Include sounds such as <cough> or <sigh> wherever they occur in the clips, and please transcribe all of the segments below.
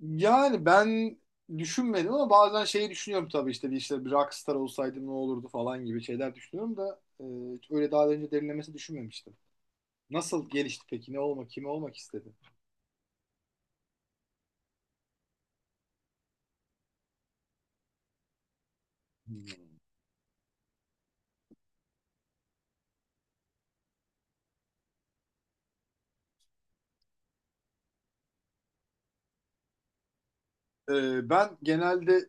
Yani ben düşünmedim ama bazen şeyi düşünüyorum tabii işte bir rockstar olsaydım ne olurdu falan gibi şeyler düşünüyorum da. Hiç öyle daha önce derinlemesi düşünmemiştim. Nasıl gelişti peki? Ne olmak, kimi olmak istedi? Hmm. Ben genelde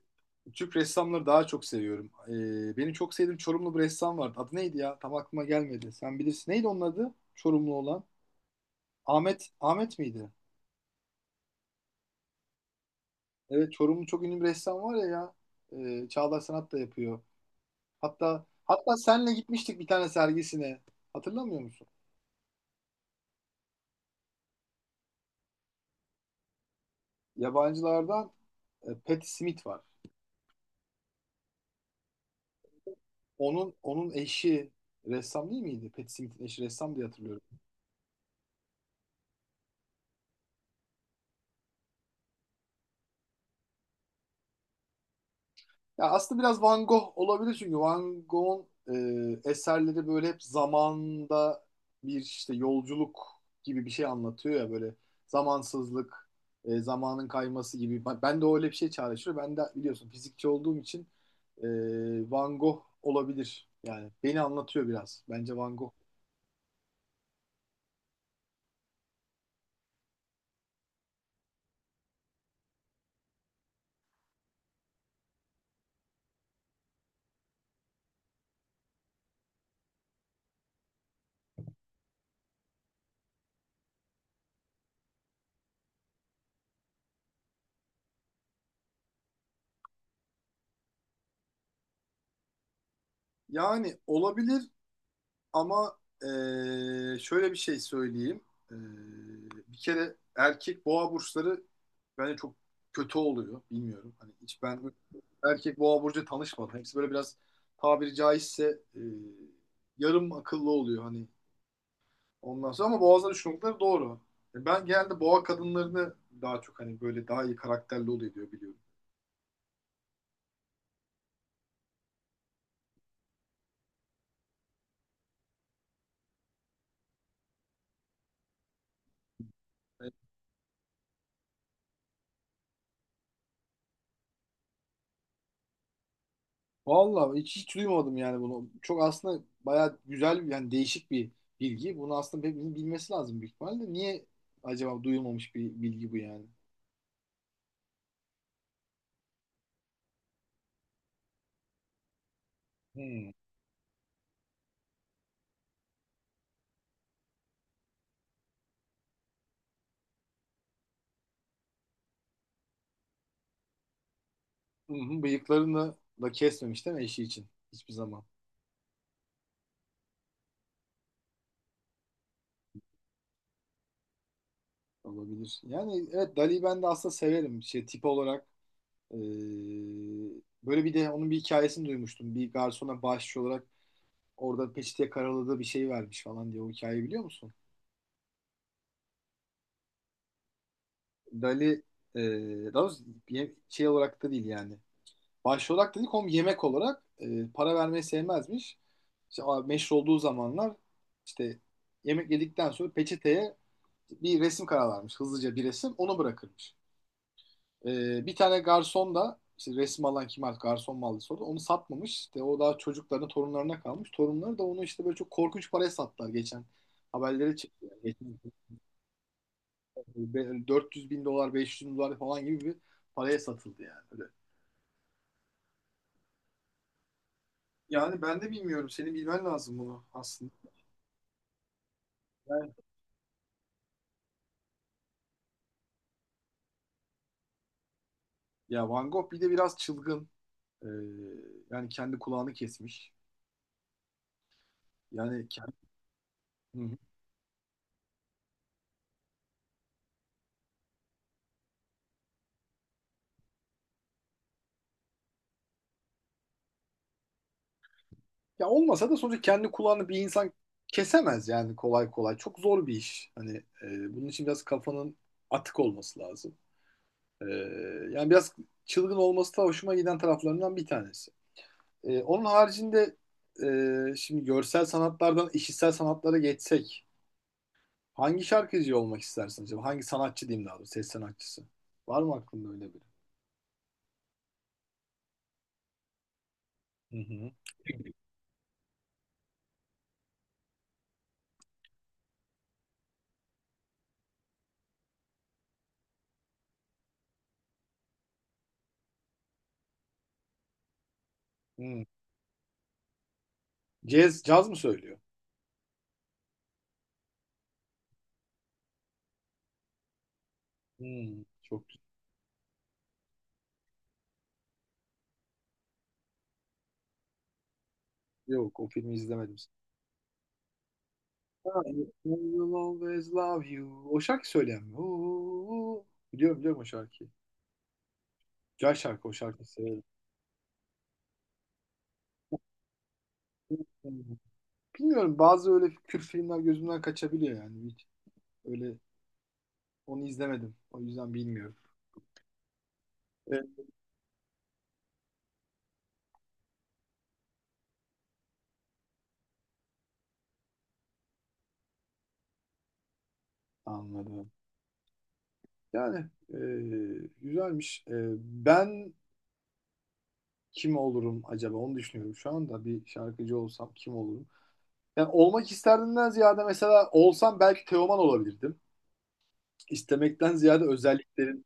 Türk ressamları daha çok seviyorum. Benim çok sevdiğim Çorumlu bir ressam vardı. Adı neydi ya? Tam aklıma gelmedi. Sen bilirsin. Neydi onun adı? Çorumlu olan. Ahmet miydi? Evet, Çorumlu çok ünlü bir ressam var ya. Çağdaş sanat da yapıyor. Hatta senle gitmiştik bir tane sergisine. Hatırlamıyor musun? Yabancılardan Patti Smith var. Onun eşi ressam değil miydi? Patti Smith'in eşi ressam diye hatırlıyorum. Ya aslında biraz Van Gogh olabilir çünkü Van Gogh'un eserleri böyle hep zamanda bir işte yolculuk gibi bir şey anlatıyor ya, böyle zamansızlık, zamanın kayması gibi. Ben de öyle bir şey çağrıştırıyor. Ben de biliyorsun fizikçi olduğum için e, Van Gogh olabilir. Yani beni anlatıyor biraz. Bence Van Gogh. Yani olabilir ama şöyle bir şey söyleyeyim. Eee, Bir kere erkek boğa burçları bence çok kötü oluyor. Bilmiyorum. Hani hiç ben erkek boğa burcu tanışmadım. Hepsi böyle biraz, tabiri caizse yarım akıllı oluyor, hani ondan sonra, ama boğazları düşündükleri doğru. Ben genelde boğa kadınlarını daha çok, hani böyle daha iyi karakterli oluyor diyor biliyorum. E, Vallahi hiç, hiç duymadım yani bunu. Çok aslında bayağı güzel yani, değişik bir bilgi. Bunu aslında hepimizin bilmesi lazım büyük ihtimalle. Niye acaba duyulmamış bir bilgi bu yani? Hmm. Hı hı. Bıyıklarını da kesmemiş değil mi eşi için? Hiçbir zaman olabilir. Yani evet, Dali'yi ben de aslında severim. Şey, tip olarak eee, böyle, bir de onun bir hikayesini duymuştum. Bir garsona bağışçı olarak orada peçeteye karaladığı bir şey vermiş falan diye, o hikayeyi biliyor musun? Dali daha doğrusu bir şey olarak da değil yani. Başvurarak dedik oğlum, yemek olarak para vermeyi sevmezmiş. İşte meşhur olduğu zamanlar işte yemek yedikten sonra peçeteye bir resim kararlarmış. Hızlıca bir resim onu bırakırmış. Bir tane garson da işte resim alan kim, artık garson mu aldı sordu. Onu satmamış. İşte o daha çocuklarına torunlarına kalmış. Torunları da onu işte böyle çok korkunç paraya sattılar geçen. Haberleri çıktı. Yani. 400 bin dolar 500 bin dolar falan gibi bir paraya satıldı yani. Öyle. Yani ben de bilmiyorum. Senin bilmen lazım bunu aslında. Ya Van Gogh bir de biraz çılgın. Ee, Yani kendi kulağını kesmiş. Yani kendi... Hı hı. Ya olmasa da sonuçta kendi kulağını bir insan kesemez yani kolay kolay. Çok zor bir iş. Hani bunun için biraz kafanın atık olması lazım. Ee, Yani biraz çılgın olması da hoşuma giden taraflarından bir tanesi. Onun haricinde, şimdi görsel sanatlardan işitsel sanatlara geçsek, hangi şarkıcı olmak istersiniz acaba? Hangi sanatçı diyeyim daha doğrusu, ses sanatçısı? Var mı aklında öyle biri? Hı hı. Hmm. Caz, caz mı söylüyor? Hmm. Çok yok, o filmi izlemedim. Ha, I will always love you. O şarkı söyleyen mi? Oo, biliyorum biliyorum o şarkıyı. Güzel şarkı, o şarkıyı severim. Hmm. Bilmiyorum, bazı öyle Kürt filmler gözümden kaçabiliyor yani. Hiç öyle onu izlemedim. O yüzden bilmiyorum. Evet. Anladım. Yani e, güzelmiş. Ben kim olurum acaba, onu düşünüyorum. Şu anda bir şarkıcı olsam kim olurum? Yani olmak isterdimden ziyade, mesela olsam belki Teoman olabilirdim. İstemekten ziyade özelliklerin.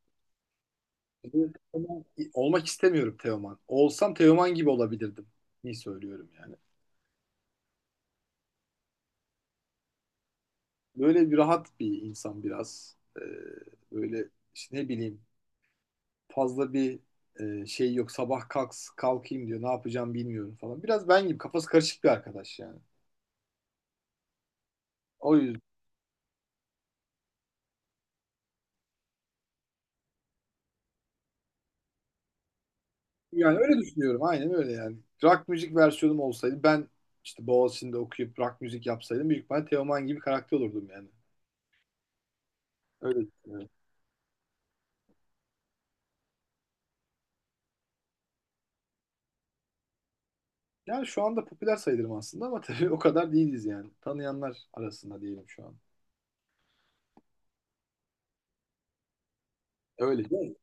Ama olmak istemiyorum Teoman. Olsam Teoman gibi olabilirdim. İyi söylüyorum yani. Böyle bir rahat bir insan biraz. Böyle işte ne bileyim, fazla bir şey yok. Sabah kalkayım diyor. Ne yapacağım bilmiyorum falan. Biraz ben gibi kafası karışık bir arkadaş yani. O yüzden. Yani öyle düşünüyorum. Aynen öyle yani. Rock müzik versiyonum olsaydı ben işte Boğaziçi'nde okuyup rock müzik yapsaydım, büyük ihtimalle Teoman gibi karakter olurdum yani. Öyle düşünüyorum. Yani şu anda popüler sayılırım aslında ama <laughs> tabii o kadar değiliz yani. Tanıyanlar arasında diyelim şu an. Öyle değil mi?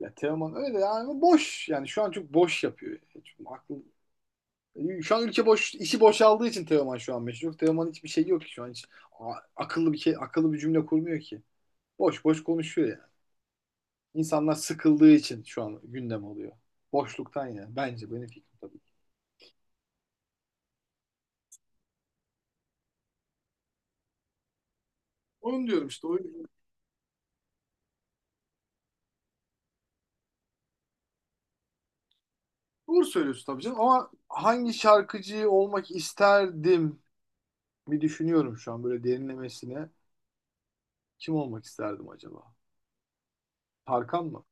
Ya Teoman öyle yani, ama boş. Yani şu an çok boş yapıyor. Hiç aklı... Şu an ülke boş, işi boşaldığı için Teoman şu an meşhur. Teoman hiçbir şey yok ki şu an, hiç. Akıllı bir cümle kurmuyor ki. Boş boş konuşuyor yani. İnsanlar sıkıldığı için şu an gündem oluyor. Boşluktan yani. Bence, benim fikrim tabii ki. Onu diyorum işte. Doğru söylüyorsun tabii canım. Ama hangi şarkıcı olmak isterdim, bir düşünüyorum şu an böyle derinlemesine. Kim olmak isterdim acaba? Tarkan mı?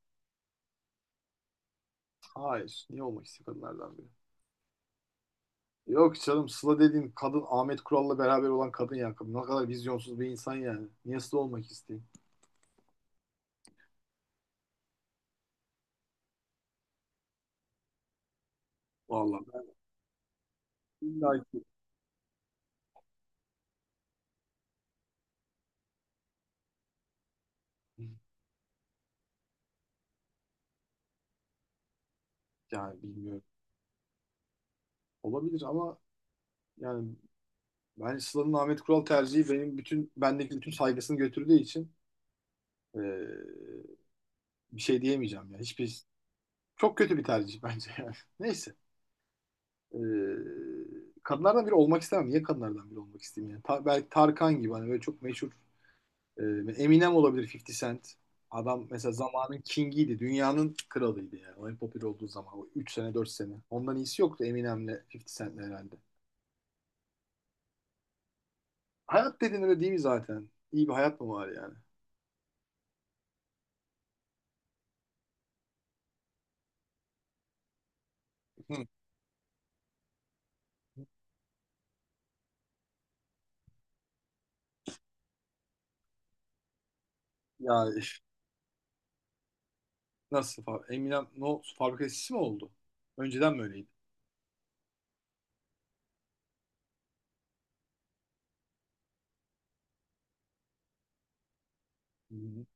Hayır. Niye olmak istiyor kadınlardan biri? Yok canım, Sıla dediğin kadın Ahmet Kural'la beraber olan kadın ya. Ne kadar vizyonsuz bir insan yani. Niye Sıla olmak isteyeyim? Vallahi ben illa ki- yani bilmiyorum. Olabilir ama yani. Ben Sıla'nın Ahmet Kural tercihi, benim bütün bendeki bütün saygısını götürdüğü için e, bir şey diyemeyeceğim ya. Hiçbir, çok kötü bir tercih bence yani. <laughs> Neyse. E, Kadınlardan biri olmak istemem. Niye kadınlardan biri olmak isteyeyim yani? Belki Tarkan gibi hani böyle çok meşhur, e, Eminem olabilir, 50 Cent. Adam mesela zamanın kingiydi. Dünyanın kralıydı yani. O en popüler olduğu zaman. O 3 sene 4 sene. Ondan iyisi yoktu Eminem'le 50 Cent'le herhalde. Hayat dediğin öyle değil mi zaten? İyi bir hayat mı var yani? Hı. Ya nasıl? Eminem no fabrika işçisi mi oldu? Önceden mi öyleydi? Hı hı.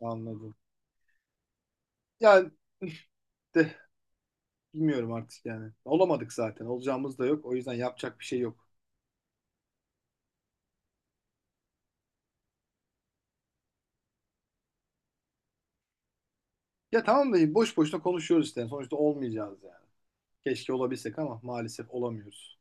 Anladım. Yani <laughs> de bilmiyorum artık yani. Olamadık zaten. Olacağımız da yok. O yüzden yapacak bir şey yok. Ya tamam da boş boşuna konuşuyoruz işte. Yani sonuçta olmayacağız yani. Keşke olabilsek ama maalesef olamıyoruz.